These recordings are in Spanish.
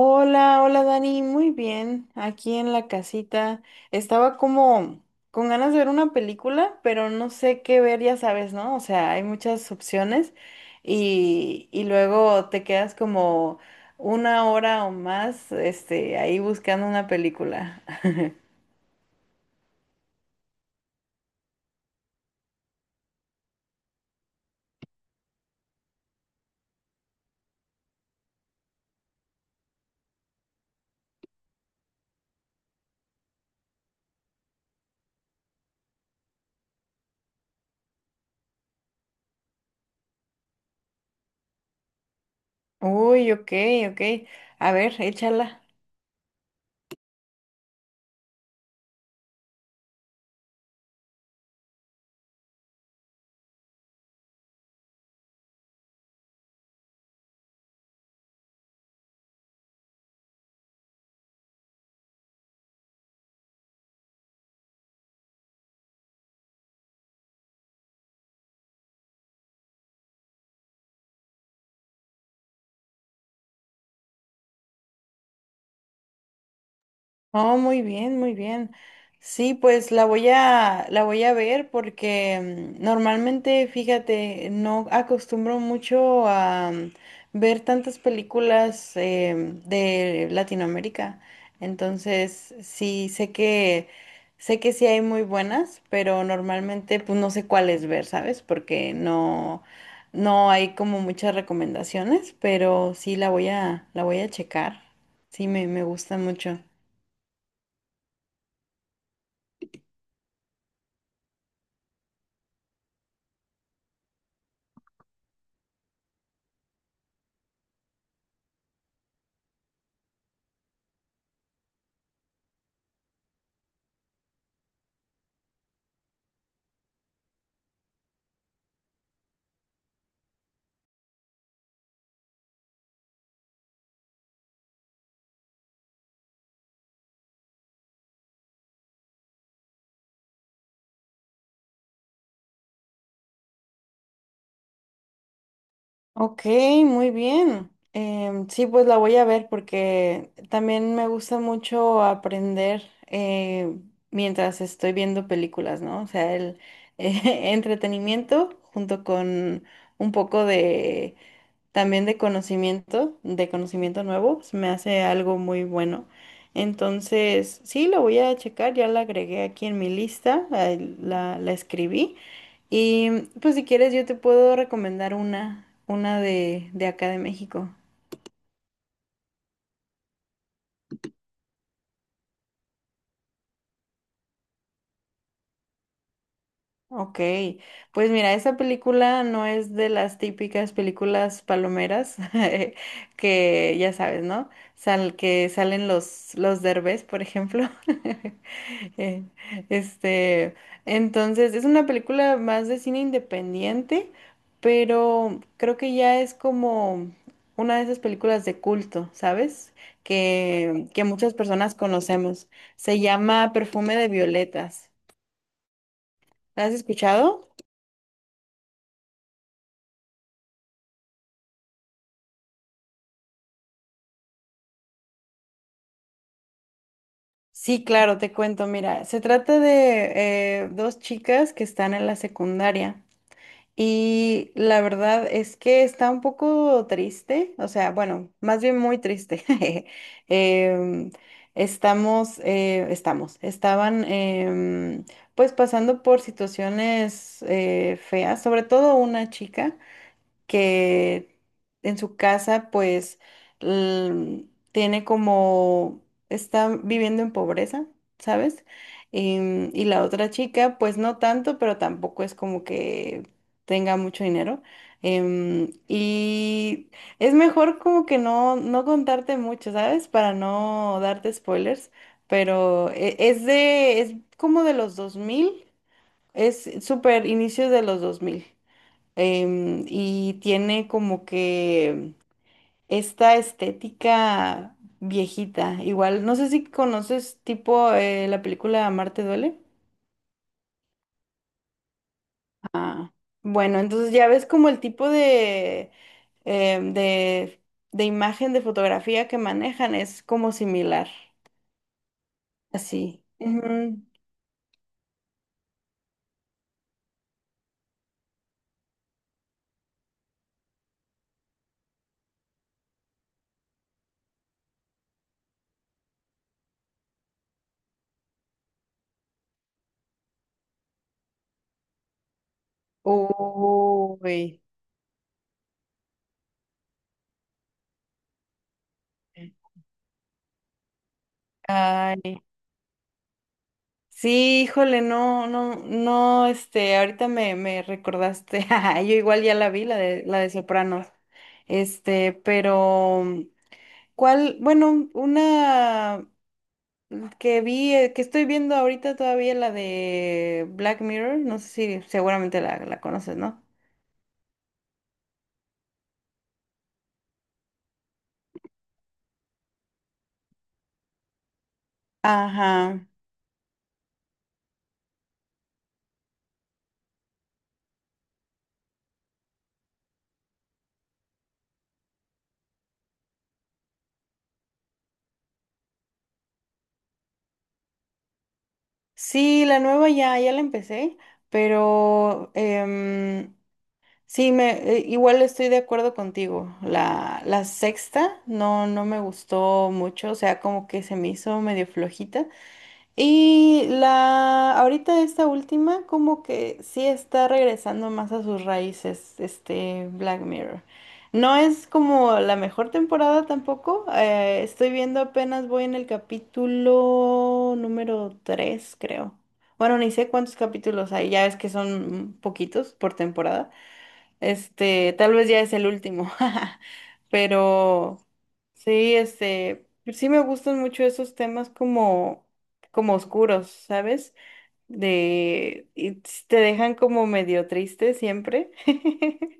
Hola, hola Dani, muy bien, aquí en la casita. Estaba como con ganas de ver una película, pero no sé qué ver, ya sabes, ¿no? O sea, hay muchas opciones y luego te quedas como una hora o más, ahí buscando una película. Uy, ok, ok. A ver, échala. Oh, muy bien, muy bien. Sí, pues la voy a ver porque normalmente, fíjate, no acostumbro mucho a ver tantas películas de Latinoamérica. Entonces, sí, sé que sí hay muy buenas, pero normalmente pues no sé cuáles ver, ¿sabes? Porque no hay como muchas recomendaciones, pero sí la voy a checar. Sí, me gusta mucho. Ok, muy bien. Sí, pues la voy a ver porque también me gusta mucho aprender eh, mientras estoy viendo películas, ¿no? O sea, el entretenimiento junto con un poco de también de conocimiento nuevo, se me hace algo muy bueno. Entonces, sí, lo voy a checar, ya la agregué aquí en mi lista, ahí la escribí. Y pues si quieres yo te puedo recomendar una de acá de México. Ok, pues mira, esa película no es de las típicas películas palomeras que ya sabes, ¿no? Que salen los Derbez, por ejemplo. Eh, Este, entonces, es una película más de cine independiente, pero creo que ya es como una de esas películas de culto, ¿sabes? Que muchas personas conocemos. Se llama Perfume de Violetas. ¿La has escuchado? Sí, claro, te cuento. Mira, se trata de dos chicas que están en la secundaria y la verdad es que está un poco triste, o sea, bueno, más bien muy triste. Em, estaban pues pasando por situaciones feas, sobre todo una chica que en su casa pues l- tiene como, está viviendo en pobreza, ¿sabes? Y la otra chica pues no tanto, pero tampoco es como que tenga mucho dinero. Y es mejor como que no contarte mucho, ¿sabes? Para no darte spoilers, pero es como de los dos mil, es súper inicios de los dos mil, y tiene como que esta estética viejita. Igual, no sé si conoces tipo la película Amar te duele. Ah, bueno, entonces ya ves como el tipo de, em, de imagen, de fotografía que manejan es como similar, así. Ujú. Uy, ay, Sí, híjole, no, no, no, ahorita me recordaste. Ajá, yo igual ya la vi, la de Sopranos, este, pero, ¿cuál? Bueno, una que vi, que estoy viendo ahorita todavía, la de Black Mirror, no sé si seguramente la conoces, ¿no? Ajá, sí, la nueva ya la empecé, pero, em, sí, igual estoy de acuerdo contigo. La sexta no me gustó mucho, o sea, como que se me hizo medio flojita. Ahorita esta última, como que sí está regresando más a sus raíces, este Black Mirror. No es como la mejor temporada tampoco. Estoy viendo apenas, voy en el capítulo número 3 creo. Bueno, ni sé cuántos capítulos hay, ya ves que son poquitos por temporada. Tal vez ya es el último, pero sí, sí me gustan mucho esos temas como como oscuros, ¿sabes? Te dejan como medio triste siempre.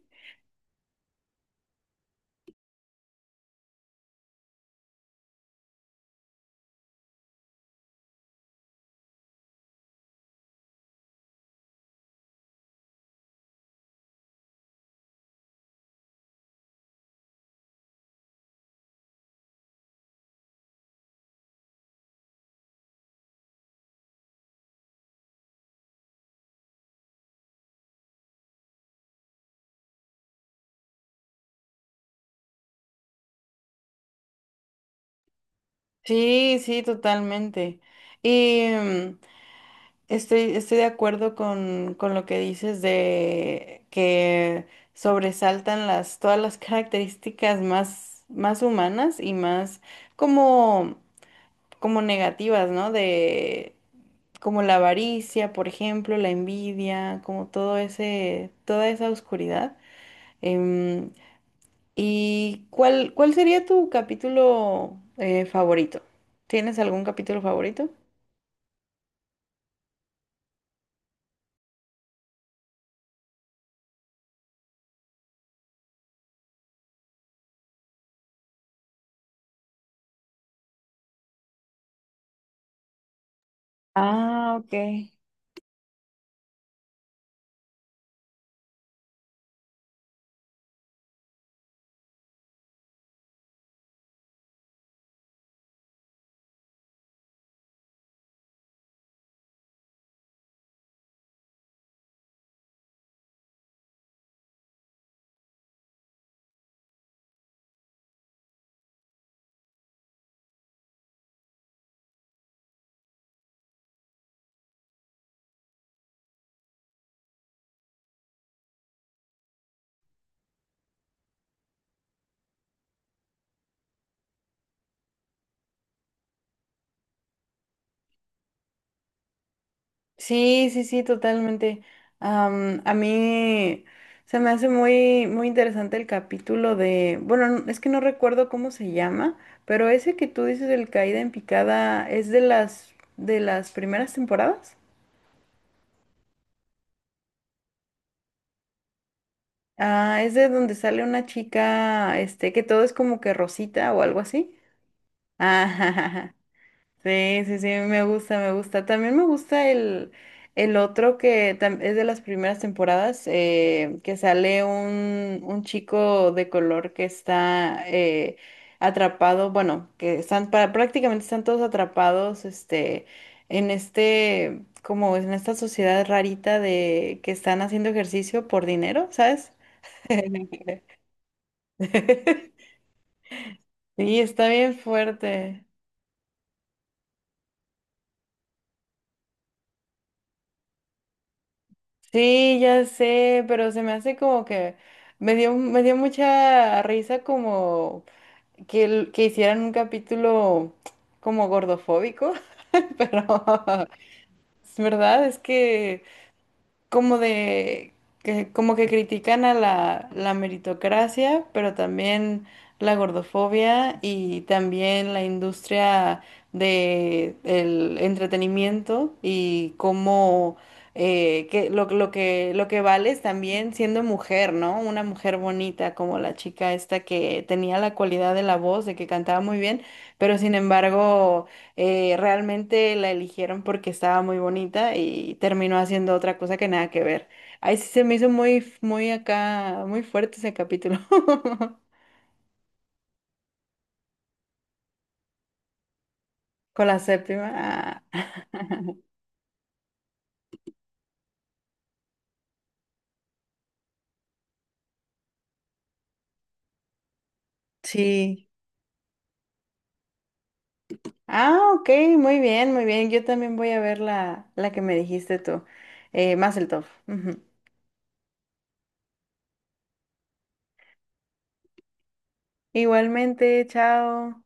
Sí, sí, totalmente. Y estoy de acuerdo con lo que dices de que sobresaltan todas las características más, más humanas y más como como negativas, ¿no? De como la avaricia, por ejemplo, la envidia, como todo ese, toda esa oscuridad. Em, ¿Y cuál sería tu capítulo favorito? ¿Tienes algún capítulo favorito? Ah, ok. Sí, sí, sí, totalmente. Am, a mí se me hace muy, muy interesante el capítulo de, bueno, es que no recuerdo cómo se llama, pero ese que tú dices del caída en picada es de las primeras temporadas. Ah, es de donde sale una chica, que todo es como que rosita o algo así. Ah, sí, sí, sí, me gusta, me gusta. También me gusta el otro que es de las primeras temporadas, que sale un chico de color que está atrapado, bueno, que están prácticamente están todos atrapados, en este, como en esta sociedad rarita de que están haciendo ejercicio por dinero, ¿sabes? Sí, está bien fuerte. Sí, ya sé, pero se me hace como que me dio mucha risa como que hicieran un capítulo como gordofóbico, pero es verdad, es que como de que como que critican a la meritocracia, pero también la gordofobia y también la industria de el entretenimiento y cómo lo que vale es también siendo mujer, ¿no? Una mujer bonita como la chica esta que tenía la cualidad de la voz, de que cantaba muy bien, pero sin embargo realmente la eligieron porque estaba muy bonita y terminó haciendo otra cosa que nada que ver. Ahí sí se me hizo muy, muy acá, muy fuerte ese capítulo. Con la séptima. Ah, sí. Ah, ok, muy bien, muy bien. Yo también voy a ver la que me dijiste tú. Mazel Tov. Ujú. Igualmente, chao.